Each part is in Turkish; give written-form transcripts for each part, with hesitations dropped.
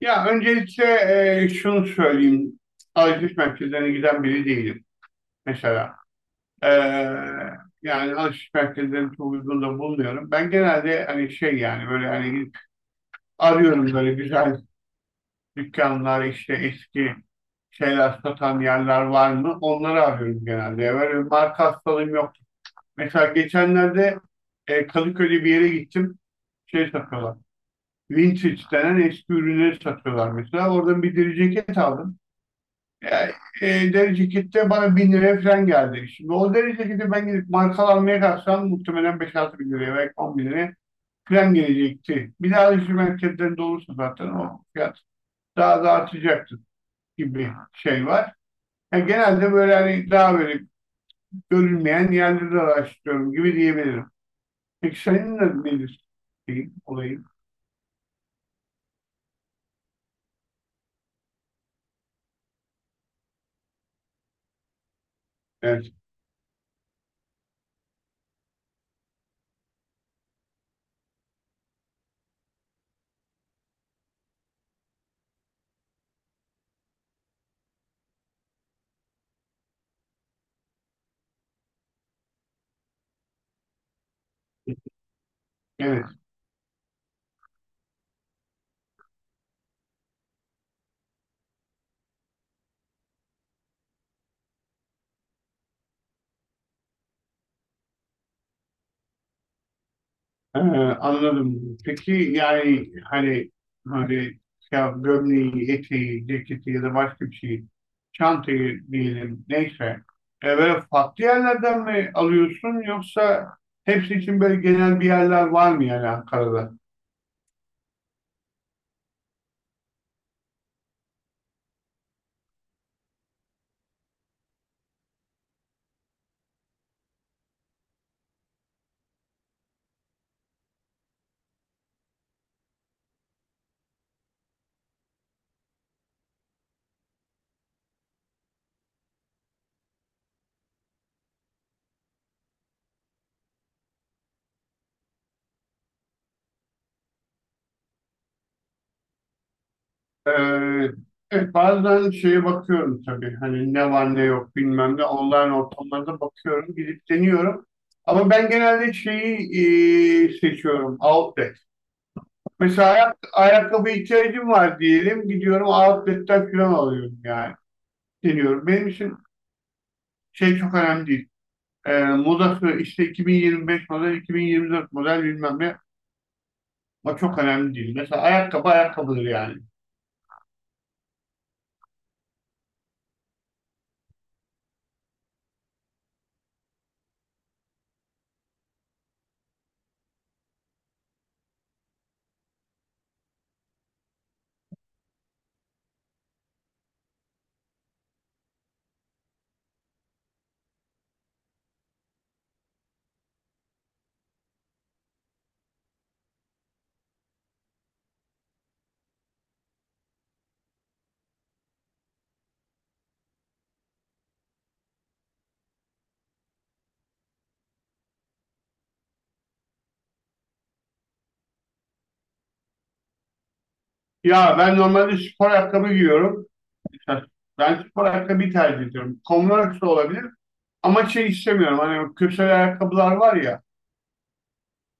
Ya öncelikle şunu söyleyeyim. Alışveriş merkezlerine giden biri değilim mesela. E, yani alışveriş merkezlerinin çok uygun da bulmuyorum. Ben genelde hani şey yani böyle hani gidip arıyorum böyle güzel dükkanlar işte eski şeyler satan yerler var mı? Onları arıyorum genelde. Böyle bir marka hastalığım yok. Mesela geçenlerde Kadıköy'de bir yere gittim. Şey satıyorlar. Vintage denen eski ürünleri satıyorlar mesela. Oradan bir deri ceket aldım. Yani, deri cekette bana 1000 liraya falan geldi. Şimdi o deri ceketi ben gidip markalı almaya kalksam muhtemelen beş altı bin liraya belki 10 bin liraya falan gelecekti. Bir daha alışveriş merkezlerinde olursa zaten o fiyat daha da artacaktı gibi şey var. Yani genelde böyle hani daha böyle görülmeyen yerleri araştırıyorum gibi diyebilirim. Peki senin de nedir şeyin, olayın? Evet. Evet. Ee, anladım. Peki yani hani ya gömleği, eteği, ceketi ya da başka bir şeyi, çantayı diyelim neyse. Böyle farklı yerlerden mi alıyorsun yoksa hepsi için böyle genel bir yerler var mı yani Ankara'da? Ee, evet, bazen şeye bakıyorum tabii hani ne var ne yok bilmem ne online ortamlarda bakıyorum gidip deniyorum. Ama ben genelde şeyi seçiyorum outlet. Mesela ayakkabı ihtiyacım var diyelim. Gidiyorum outlet'ten falan alıyorum yani. Deniyorum. Benim için şey çok önemli değil. Modası işte 2025 model, 2024 model bilmem ne. O çok önemli değil. Mesela ayakkabı ayakkabıdır yani. Ya ben normalde spor ayakkabı giyiyorum. Mesela ben spor ayakkabıyı tercih ediyorum. Converse de olabilir. Ama şey istemiyorum. Hani kürsel ayakkabılar var ya.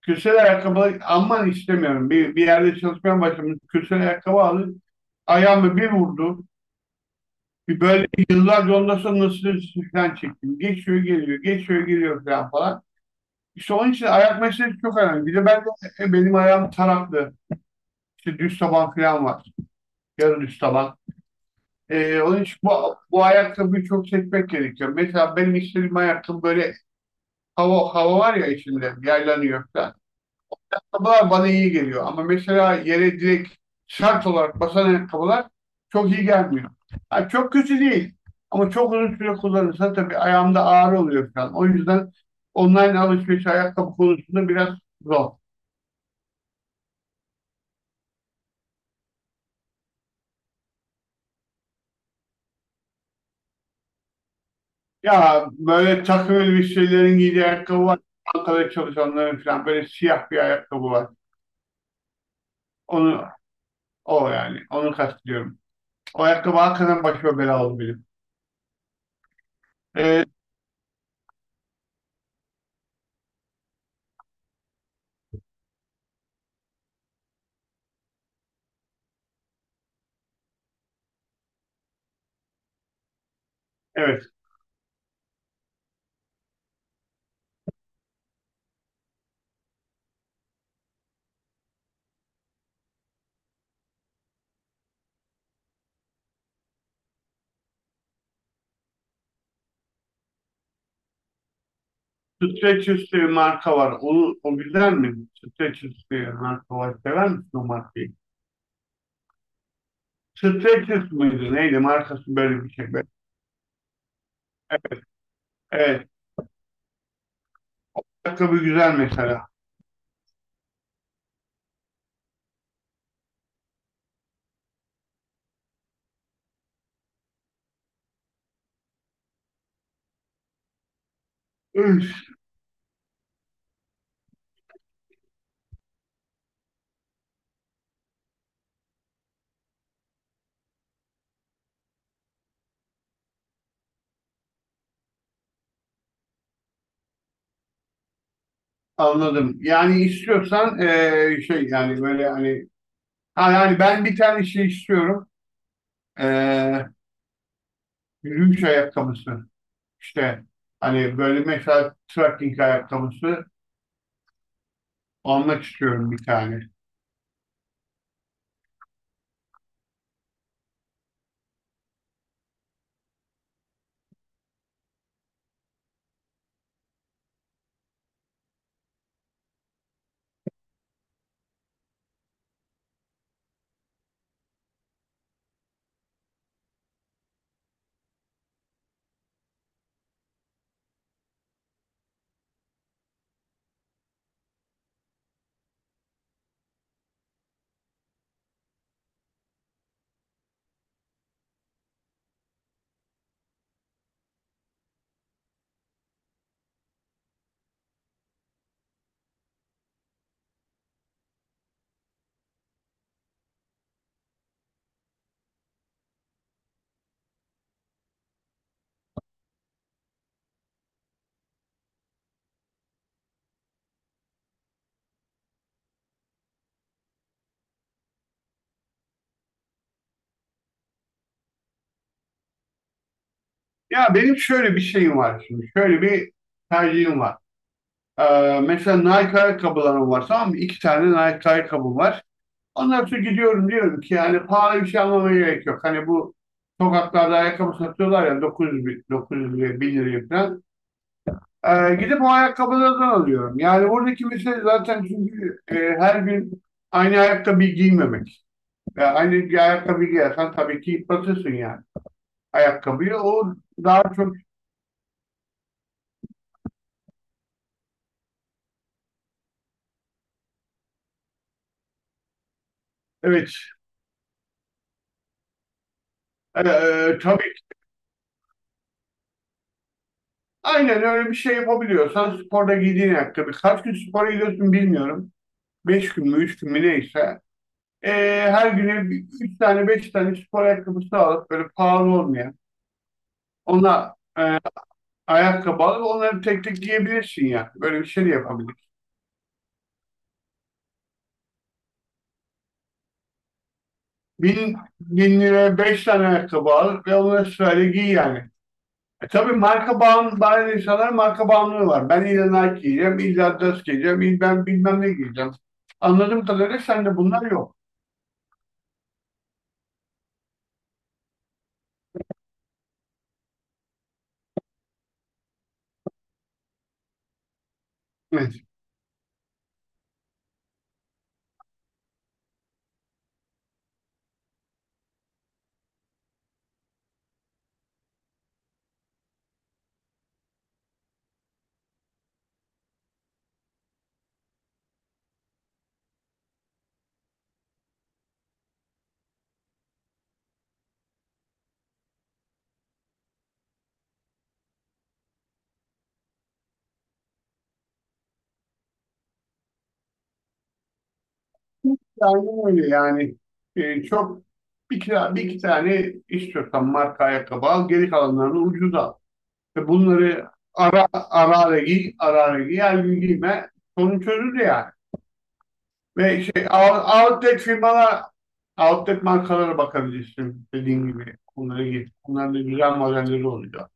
Kürsel ayakkabı aman istemiyorum. Bir yerde çalışmaya başladım. Kürsel ayakkabı aldım. Ayağımı bir vurdu. Bir böyle yıllarca ondan sonra nasıl falan çektim. Geçiyor geliyor, geçiyor geliyor falan falan. İşte onun için ayak meselesi çok önemli. Bir de ben de benim ayağım taraklı. İşte düz taban falan var. Yarı düz taban. Onun için bu ayakkabıyı çok seçmek gerekiyor. Mesela benim istediğim ayakkabı böyle hava var ya içinde yaylanıyor falan. Ayakkabılar bana iyi geliyor ama mesela yere direkt şart olarak basan ayakkabılar çok iyi gelmiyor. Ha, çok kötü değil ama çok uzun süre kullanırsa tabii ayağımda ağrı oluyor falan. O yüzden online alışveriş ayakkabı konusunda biraz zor. Ya böyle takım elbiselerin giydiği ayakkabı var. Ankara'da çalışanların falan böyle siyah bir ayakkabı var. Onu onu kastediyorum. O ayakkabı hakikaten başıma bela oldu benim. Ee, evet. Streç üstü bir marka var. O güzel mi? Streç üstü marka var. Sever misin o markayı? Streç üstü müydü? Neydi? Markası böyle bir şey. Evet. Ayakkabı güzel mesela. Üf, anladım. Yani istiyorsan şey yani böyle hani ha, yani ben bir tane şey istiyorum. Eee yürüyüş ayakkabısı. İşte hani böyle mesela trekking ayakkabısı almak istiyorum bir tane. Ya benim şöyle bir şeyim var şimdi. Şöyle bir tercihim var. Mesela Nike ayakkabılarım var tamam mı? İki tane Nike ayakkabım var. Ondan sonra gidiyorum diyorum ki yani pahalı bir şey almama gerek yok. Hani bu sokaklarda ayakkabı satıyorlar ya 900 bin, 900 liraya, 1000 liraya falan. Gidip o ayakkabılardan alıyorum. Yani buradaki mesele zaten çünkü her gün aynı ayakkabıyı giymemek. Yani aynı bir ayakkabı giyersen tabii ki yıpratırsın yani ayakkabıyı. O daha çok evet. Tabii. Aynen öyle bir şey yapabiliyorsan sporda giydiğin ayakkabı. Kaç gün spora gidiyorsun bilmiyorum. 5 gün mü, 3 gün mü neyse. Ee, her güne üç tane, beş tane spor ayakkabısı alıp böyle pahalı olmayan ona ayakkabı alıp onları tek tek giyebilirsin ya. Böyle bir şey de yapabilirsin. Bin liraya beş tane ayakkabı al ve onları sırayla giy yani. Tabii, marka bağımlı, bazı insanlar marka bağımlılığı var. Ben illa Nike giyeceğim, illa Adidas giyeceğim, illa ben bilmem ne giyeceğim. Anladığım kadarıyla sende bunlar yok. Evet. Aynen öyle yani. Çok bir, kira, bir iki tane istiyorsan marka ayakkabı al, geri kalanlarını ucuz al. Ve bunları ara ara ara giy, ara ara giy, her gün giyme. Sorun çözülür yani. Ve şey outlet firmalar, outlet markalara bakabilirsin dediğim gibi. Onlara git. Bunların da güzel modelleri oluyor.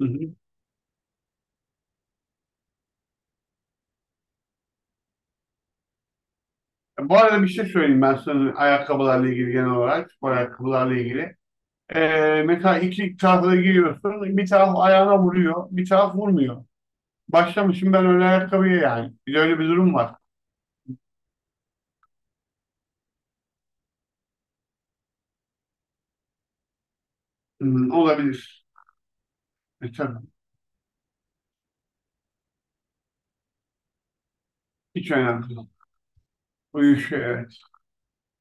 Hı hı. Bu arada bir şey söyleyeyim ben sana ayakkabılarla ilgili genel olarak, spor ayakkabılarla ilgili. Mesela iki tarafı da giriyorsun. Bir taraf ayağına vuruyor, bir taraf vurmuyor. Başlamışım ben öyle ayakkabıya yani. Bir de öyle bir durum var. Hmm, olabilir. Tabii. Hiç önemli değil. Uyuşuyor evet.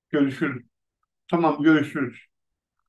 Görüşürüz. Tamam görüşürüz.